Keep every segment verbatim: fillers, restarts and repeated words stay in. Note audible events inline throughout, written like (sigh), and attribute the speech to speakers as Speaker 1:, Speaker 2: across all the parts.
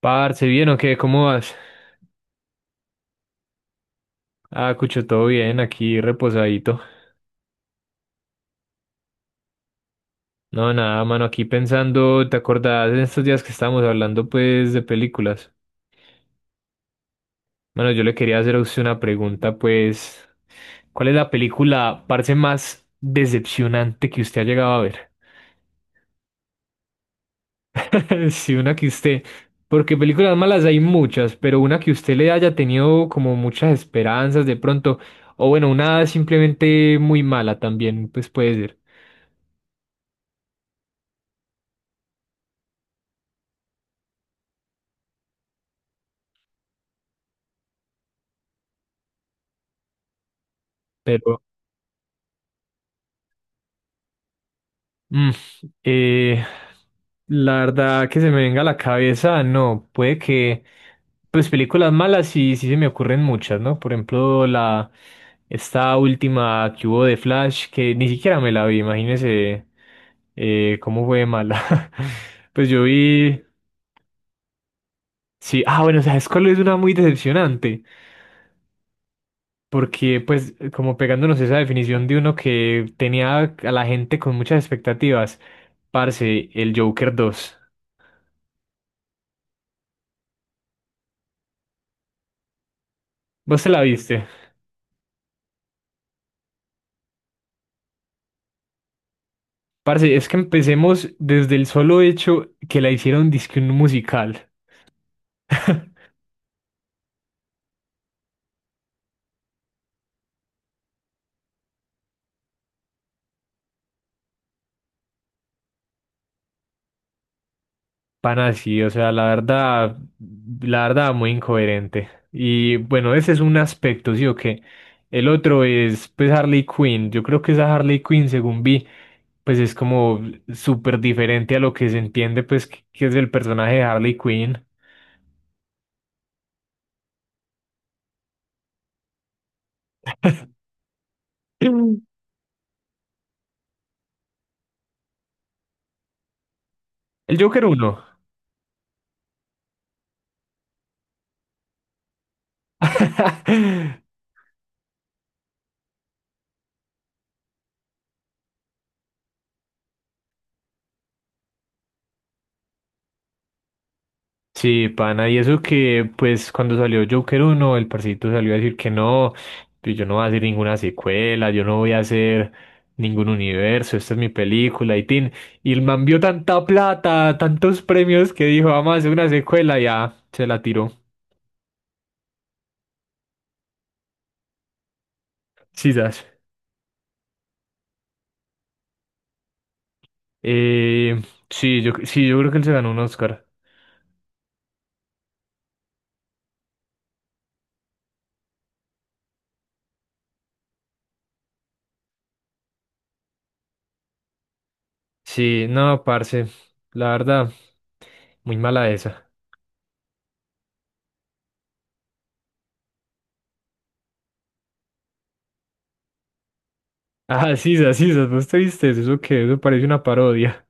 Speaker 1: Parce, ¿bien o qué? ¿Cómo vas? Ah, Cucho, todo bien, aquí reposadito. No, nada, mano, aquí pensando, ¿te acordás de estos días que estábamos hablando, pues, de películas? Mano, yo le quería hacer a usted una pregunta, pues, ¿cuál es la película, parce, más decepcionante que usted ha llegado a ver? (laughs) Sí, una que usted, porque películas malas hay muchas, pero una que usted le haya tenido como muchas esperanzas de pronto, o bueno, una simplemente muy mala también, pues puede ser. Pero Mm, eh, la verdad que se me venga a la cabeza, no, puede que, pues películas malas sí, sí se me ocurren muchas, ¿no? Por ejemplo, la, esta última que hubo de Flash, que ni siquiera me la vi, imagínese eh, cómo fue de mala. (laughs) Pues yo vi, sí, ah, bueno, ¿sabes cuál es una muy decepcionante? Porque pues como pegándonos esa definición de uno que tenía a la gente con muchas expectativas, parce, el Joker dos. Vos te la viste. Parce, es que empecemos desde el solo hecho que la hicieron disque un musical. Pan así, o sea, la verdad, la verdad, muy incoherente. Y bueno, ese es un aspecto, ¿sí o qué? El otro es, pues, Harley Quinn. Yo creo que esa Harley Quinn, según vi, pues es como súper diferente a lo que se entiende, pues, que, que es el personaje de Harley Quinn. (clears throat) Mm. El Joker uno. (laughs) Sí, pana, y eso que, pues, cuando salió Joker uno el parcito salió a decir que no, pues, yo no voy a hacer ninguna secuela, yo no voy a hacer ningún universo, esta es mi película, y tin. Y el man vio tanta plata, tantos premios, que dijo, vamos a hacer una secuela, y ya, se la tiró. Sisas. Eh, sí, yo, sí, yo creo que él se ganó un Oscar. Sí, no, parce, la verdad, muy mala esa. (laughs) Ah, Sisas, Sisas, ¿vos te viste eso? ¿Eso qué? Eso parece una parodia.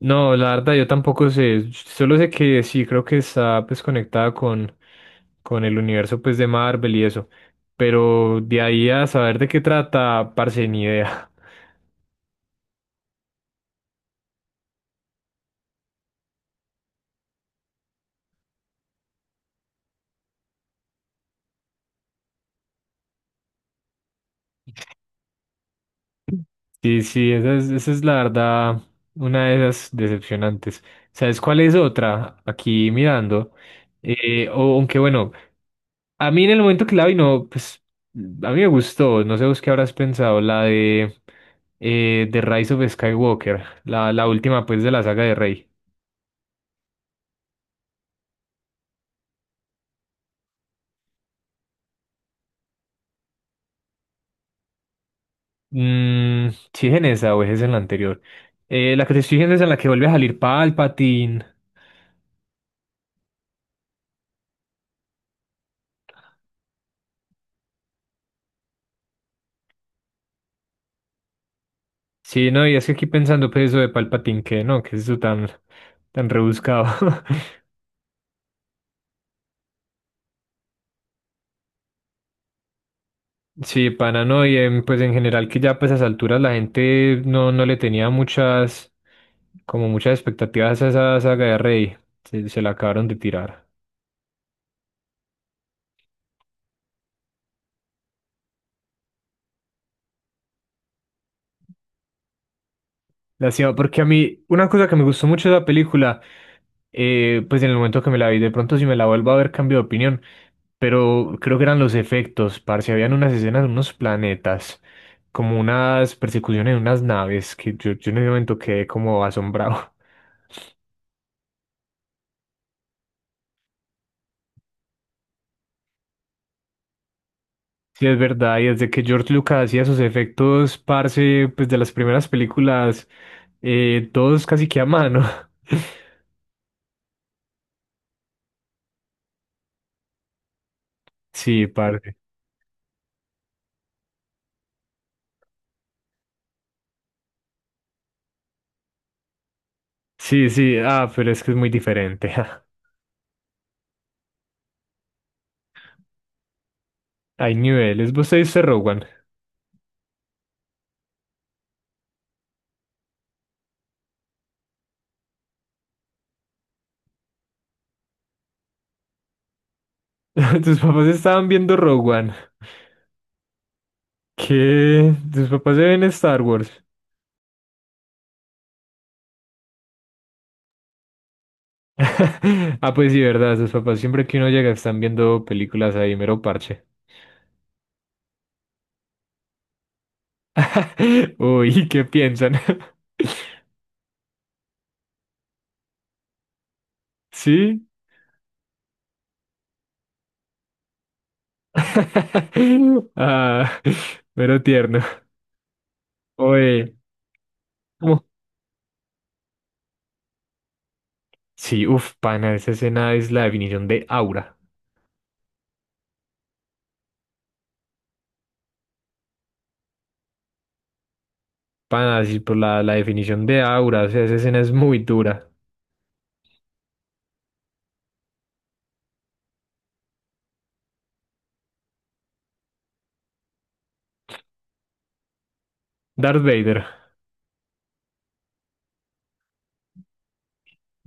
Speaker 1: No, la verdad yo tampoco sé. Solo sé que sí, creo que está pues conectada con, con el universo pues de Marvel y eso. Pero de ahí a saber de qué trata, parce, ni idea. Sí, sí, esa es, esa es la verdad, una de esas decepcionantes. ¿Sabes cuál es otra? Aquí mirando. Eh, o- aunque bueno, a mí en el momento que la vi, no, pues a mí me gustó. No sé vos qué habrás pensado, la de eh, The Rise of Skywalker, la, la última pues de la saga de Rey. Mm, sí, es en esa o es en la anterior. Eh, la que te estoy diciendo es en la que vuelve a salir Palpatine. Sí, no, y es que aquí pensando pues eso de Palpatine, que no, que es eso tan, tan rebuscado. (laughs) Sí, pana, no, y em, pues en general que ya pues a esas alturas la gente no, no le tenía muchas, como muchas expectativas a esa saga de Rey. Se, se la acabaron de tirar. La cima, porque a mí, una cosa que me gustó mucho de la película, eh, pues en el momento que me la vi, de pronto si me la vuelvo a ver cambio de opinión, pero creo que eran los efectos, parce, habían unas escenas de unos planetas, como unas persecuciones de unas naves, que yo, yo en ese momento quedé como asombrado. (laughs) Sí, es verdad, y desde que George Lucas hacía sus efectos, parce, pues de las primeras películas, eh, todos casi que a mano. (laughs) Sí, parce. Sí, sí, ah, pero es que es muy diferente. (laughs) Hay niveles. Vos te viste Rogue One. (laughs) Tus papás estaban viendo Rogue One. ¿Qué? Tus papás se ven Star Wars. (laughs) Ah, pues sí, verdad. Tus papás siempre que uno llega están viendo películas ahí, mero parche. (laughs) Uy, ¿qué piensan? (laughs) ¿Sí? (laughs) Ah, mero tierno. Oye, ¿cómo? Sí, uff, pana, esa escena es la definición de aura. Pana, sí, por la, la definición de aura, o sea, esa escena es muy dura. Darth Vader.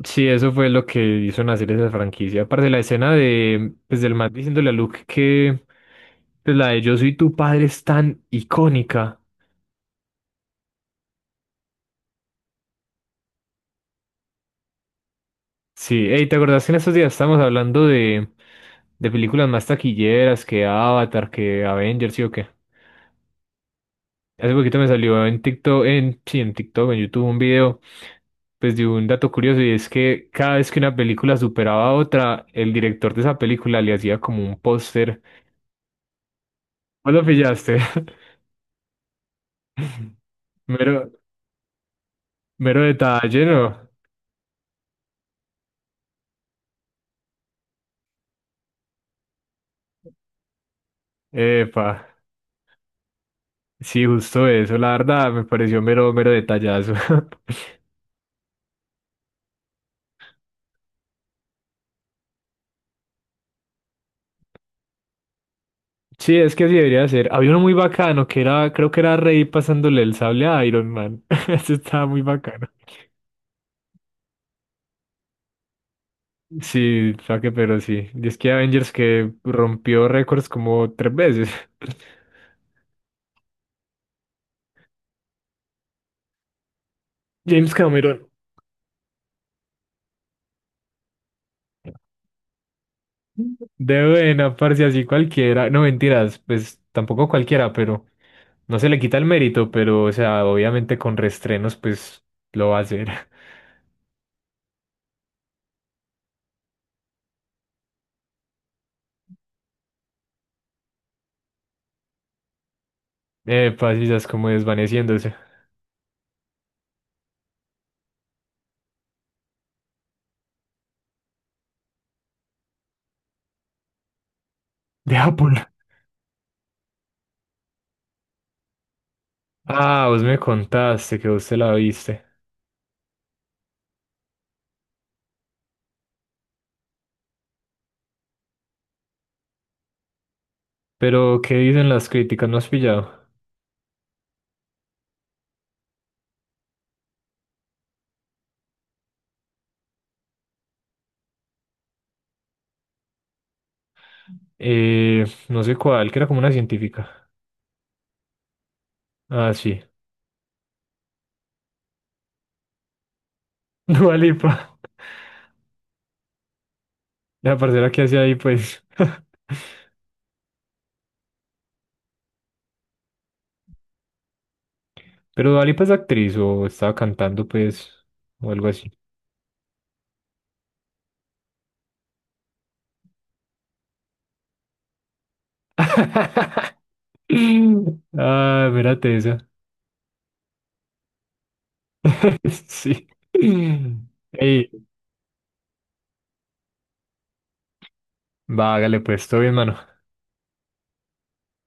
Speaker 1: Sí, eso fue lo que hizo nacer esa franquicia. Aparte la escena de, pues, del Matt diciéndole a Luke que pues, la de Yo soy tu padre es tan icónica. Sí, hey, ¿te acordás que en estos días estábamos hablando de, de películas más taquilleras que Avatar, que Avengers, sí o qué? Hace poquito me salió en TikTok, en, sí, en TikTok, en YouTube, un video, pues de un dato curioso, y es que cada vez que una película superaba a otra, el director de esa película le hacía como un póster. ¿Vos lo pillaste? (laughs) Mero, mero detalle, ¿no? Epa, sí, justo eso, la verdad, me pareció mero, mero detallazo. (laughs) Sí, es que así debería ser. Había uno muy bacano que era, creo que era Rey pasándole el sable a Iron Man. (laughs) Eso estaba muy bacano. Sí, saque, pero sí. Y es que Avengers que rompió récords como tres veces. (laughs) James Cameron. De buena, parce, así cualquiera. No, mentiras, pues tampoco cualquiera, pero no se le quita el mérito, pero, o sea, obviamente con restrenos, pues lo va a hacer. Epa, sí, ya es como desvaneciéndose. (laughs) De Apple. Ah, vos me contaste que vos te la viste. Pero, ¿qué dicen las críticas? ¿No has pillado? Eh, no sé cuál, que era como una científica. Ah, sí. (laughs) Dua Lipa. La parcera que hacía ahí, pues. (laughs) Pero Dua Lipa es actriz o estaba cantando, pues, o algo así. (laughs) Ah, mírate esa. (laughs) Sí. Ey, vágale, pues, todo bien, mano.